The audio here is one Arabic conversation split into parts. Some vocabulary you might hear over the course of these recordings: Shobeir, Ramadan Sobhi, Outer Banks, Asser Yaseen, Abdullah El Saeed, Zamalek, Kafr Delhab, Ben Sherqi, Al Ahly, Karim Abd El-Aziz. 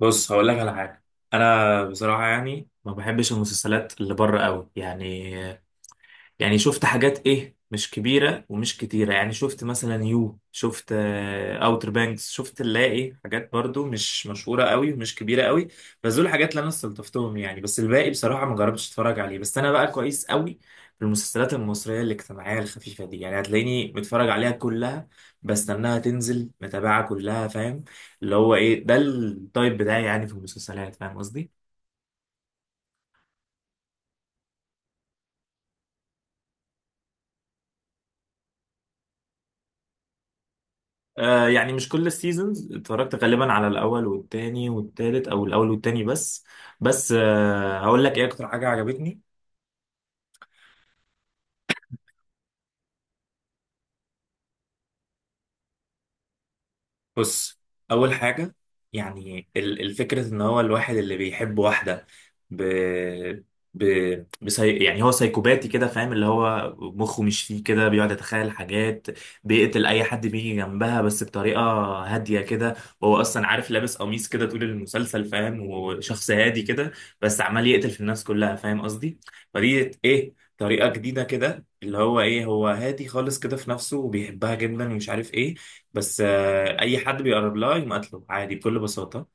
بص هقول لك على حاجه. انا بصراحه يعني ما بحبش المسلسلات اللي بره قوي يعني. يعني شفت حاجات ايه مش كبيرة ومش كتيرة، يعني شفت مثلا يو، شفت اوتر بانكس، شفت اللي هي ايه حاجات برضو مش مشهورة قوي ومش كبيرة قوي. بس دول الحاجات اللي انا استلطفتهم يعني، بس الباقي بصراحة ما جربتش اتفرج عليه. بس انا بقى كويس قوي في المسلسلات المصرية الاجتماعية الخفيفة دي، يعني هتلاقيني متفرج عليها كلها، بستناها تنزل، متابعة كلها فاهم، اللي هو ايه ده التايب بتاعي يعني في المسلسلات فاهم قصدي. آه يعني مش كل السيزونز اتفرجت، غالبا على الاول والتاني والتالت او الاول والتاني بس. بس آه هقول لك ايه اكتر حاجه عجبتني. بص، اول حاجه، يعني الفكره ان هو الواحد اللي بيحب واحده، ب... ب... يعني هو سايكوباتي كده فاهم، اللي هو مخه مش فيه كده، بيقعد يتخيل حاجات، بيقتل اي حد بيجي جنبها بس بطريقه هاديه كده. وهو اصلا عارف لابس قميص كده طول المسلسل فاهم، وشخص هادي كده بس عمال يقتل في الناس كلها فاهم قصدي. فدي ايه طريقه جديده كده، اللي هو ايه هو هادي خالص كده في نفسه وبيحبها جدا ومش عارف ايه. بس اي حد بيقرب لها يقوم قتله عادي بكل بساطه.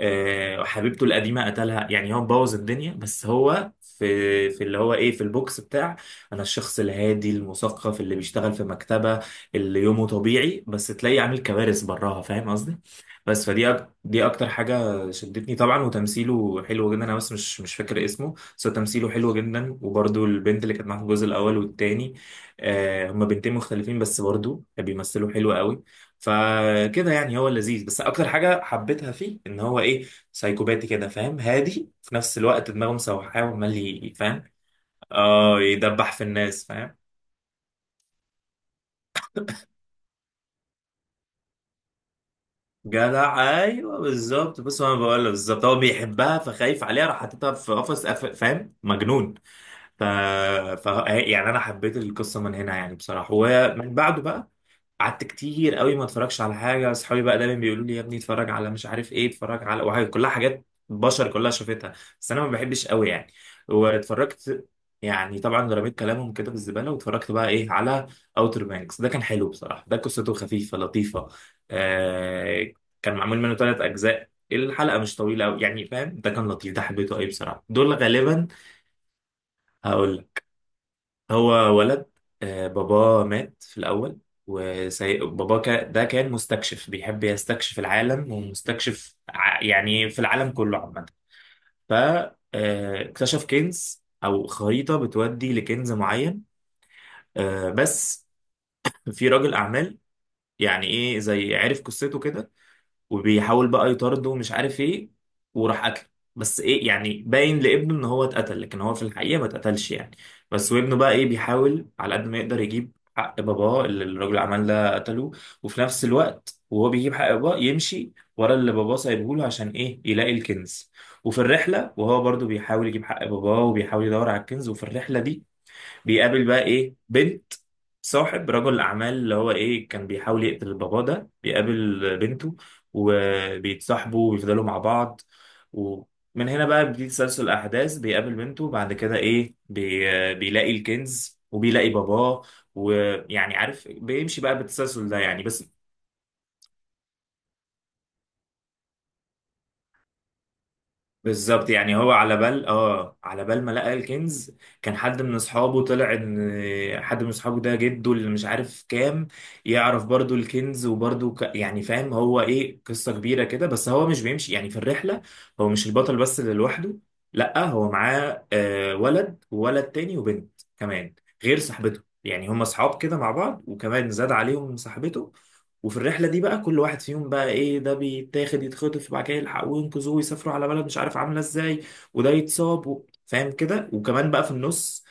حبيبته القديمه قتلها، يعني هو مبوظ الدنيا، بس هو في اللي هو ايه في البوكس بتاع انا الشخص الهادي المثقف اللي بيشتغل في مكتبه، اللي يومه طبيعي بس تلاقيه عامل كوارث براها فاهم قصدي. بس دي اكتر حاجه شدتني طبعا، وتمثيله حلو جدا، انا بس مش فاكر اسمه، بس هو تمثيله حلو جدا، وبرده البنت اللي كانت معاه في الجزء الاول والتاني. آه هما بنتين مختلفين بس برضو بيمثلوا حلو قوي. فكده يعني هو لذيذ، بس اكتر حاجه حبيتها فيه ان هو ايه سايكوباتي كده فاهم، هادي في نفس الوقت دماغه مسوحاه وعمال فاهم. اه يدبح في الناس فاهم. جدع ايوه بالظبط. بص هو انا بقول له بالظبط، هو بيحبها فخايف عليها، راح حاططها في قفص فاهم، مجنون. ف... ف يعني انا حبيت القصه من هنا يعني بصراحه. ومن بعده بقى قعدت كتير قوي ما اتفرجش على حاجه. اصحابي بقى دايما بيقولوا لي يا ابني اتفرج على مش عارف ايه، اتفرج على وحاجه، كلها حاجات بشر كلها شافتها، بس انا ما بحبش قوي يعني. واتفرجت، يعني طبعا رميت كلامهم كده في الزباله، واتفرجت بقى ايه على اوتر بانكس. ده كان حلو بصراحه، ده قصته خفيفه لطيفه. آه كان معمول منه 3 اجزاء، الحلقه مش طويله قوي يعني فاهم، ده كان لطيف، ده حبيته قوي بصراحه، دول غالبا. هقول لك، هو ولد، باباه مات في الأول. وبابا كا ده كان مستكشف بيحب يستكشف العالم، ومستكشف يعني في العالم كله عامة. فاكتشف كنز أو خريطة بتودي لكنز معين. بس في راجل أعمال، يعني إيه زي عرف قصته كده، وبيحاول بقى يطارده ومش عارف ايه، وراح قتله. بس ايه يعني باين لابنه ان هو اتقتل، لكن هو في الحقيقه ما اتقتلش يعني. بس وابنه بقى ايه بيحاول على قد ما يقدر يجيب حق باباه اللي الراجل العمال ده قتله. وفي نفس الوقت وهو بيجيب حق باباه يمشي ورا اللي باباه سايبه له عشان ايه يلاقي الكنز. وفي الرحله وهو برضو بيحاول يجيب حق باباه وبيحاول يدور على الكنز، وفي الرحله دي بيقابل بقى ايه بنت صاحب رجل اعمال اللي هو ايه كان بيحاول يقتل البابا ده، بيقابل بنته وبيتصاحبوا ويفضلوا مع بعض. ومن هنا بقى بيبتدي تسلسل الاحداث، بيقابل بنته، بعد كده ايه بيلاقي الكنز وبيلاقي باباه، ويعني عارف بيمشي بقى بالتسلسل ده يعني بس. بالظبط، يعني هو على بال اه على بال ما لقى الكنز، كان حد من اصحابه طلع ان حد من اصحابه ده جده اللي مش عارف كام، يعرف برضو الكنز وبرضو يعني فاهم هو ايه قصة كبيرة كده. بس هو مش بيمشي يعني في الرحلة، هو مش البطل بس اللي لوحده، لا هو معاه آه ولد وولد تاني وبنت كمان غير صاحبته، يعني هم اصحاب كده مع بعض، وكمان زاد عليهم صاحبته. وفي الرحلة دي بقى كل واحد فيهم بقى ايه ده بيتاخد، يتخطف وبعد كده يلحقوه وينقذوه ويسافروا على بلد مش عارف عاملة ازاي، فاهم كده، وكمان بقى في النص.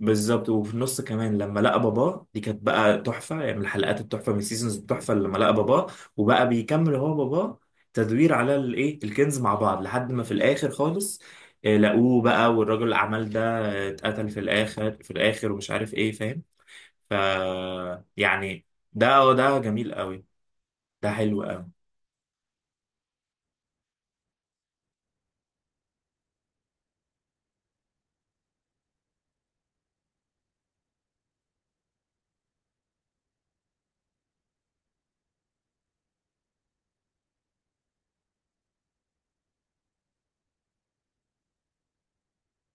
بالظبط، وفي النص كمان لما لقى باباه دي كانت بقى تحفة، يعني من الحلقات التحفة من السيزونز التحفة لما لقى باباه، وبقى بيكمل هو باباه تدوير على الايه الكنز مع بعض، لحد ما في الاخر خالص لقوه بقى. والراجل الاعمال ده اتقتل في الاخر في الاخر ومش عارف ايه فاهم. ف يعني ده جميل قوي، ده حلو قوي.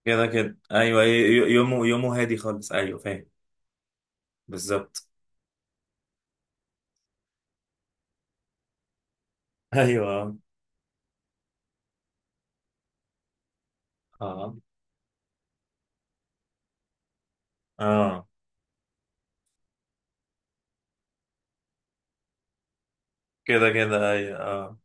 كده كده ايوه، يومه يومه هادي خالص ايوه فاهم. بالظبط. ايوه. اه اه كده كده ايوه اه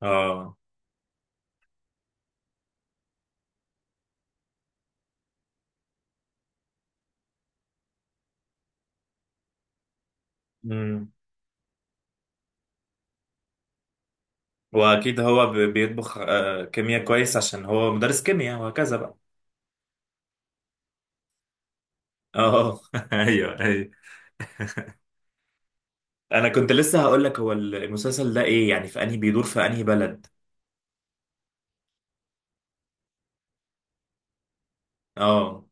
اه. امم. واكيد هو بيطبخ آه كيمياء كويس عشان هو مدرس كيمياء وهكذا بقى. اه ايوه ايوه. انا كنت لسه هقول لك هو المسلسل ده ايه يعني، في انهي بيدور، في انهي بلد. اه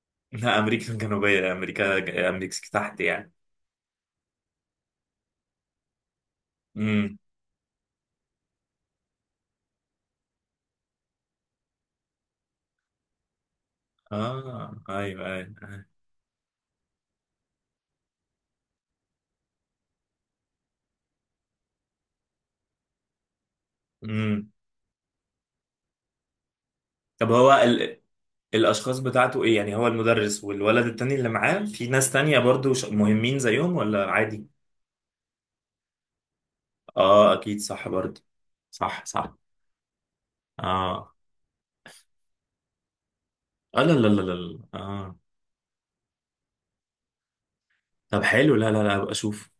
لا امريكا الجنوبيه، امريكا تحت يعني. امم. اه ايوه ايوه. امم. طب هو الاشخاص بتاعته ايه يعني، هو المدرس والولد التاني اللي معاه، في ناس تانية برضو مهمين زيهم، ولا عادي؟ اه اكيد صح برضو. صح صح. اه اه لا لا لا لا لا. اه. طب حلو، لا لا لا ابقى اشوف.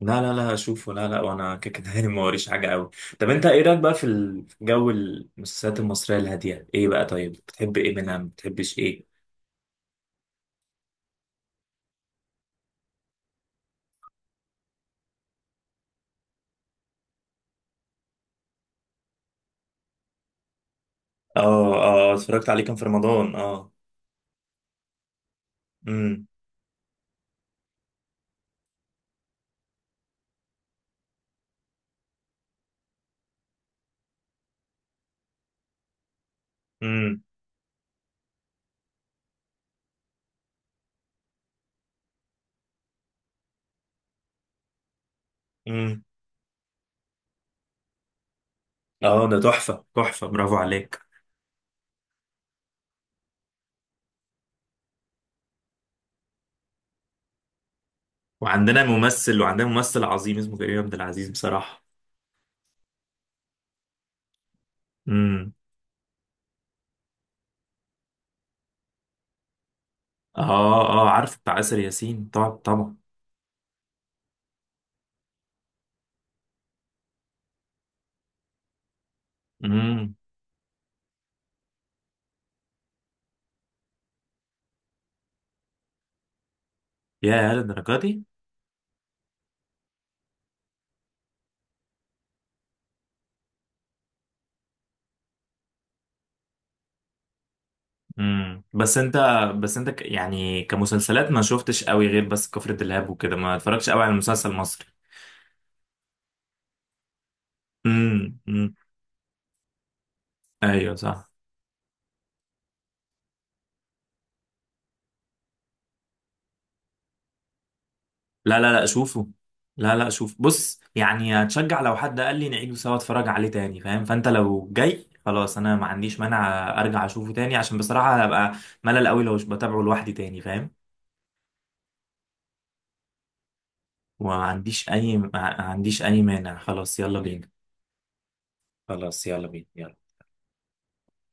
لا لا لا اشوفه. لا لا وانا كده كده يعني ما وريش حاجه قوي. طب انت ايه رايك بقى في في جو المسلسلات المصريه الهاديه، ايه بقى طيب، بتحب ايه منها، ما بتحبش ايه؟ اه اه اتفرجت عليه كان في رمضان اه. امم امم. امم. اه ده تحفه تحفه، برافو عليك. وعندنا ممثل عظيم اسمه كريم عبد العزيز بصراحة. امم. اه اه عارف بتاع آسر ياسين طبعا طبعا. امم. يا للدرجة دي. امم. بس انت، بس انت يعني كمسلسلات ما شفتش قوي غير بس كفر دلهاب وكده، ما اتفرجتش قوي على مسلسل مصري. امم. ايوه صح. لا لا لا شوفه. لا لا شوف بص يعني هتشجع، لو حد قال لي نعيده سوا اتفرج عليه تاني فاهم، فانت لو جاي خلاص انا ما عنديش مانع ارجع اشوفه تاني، عشان بصراحة هبقى ملل قوي لو مش بتابعه لوحدي تاني فاهم. وما عنديش اي ما عنديش اي مانع، خلاص يلا بينا، خلاص يلا بينا يلا.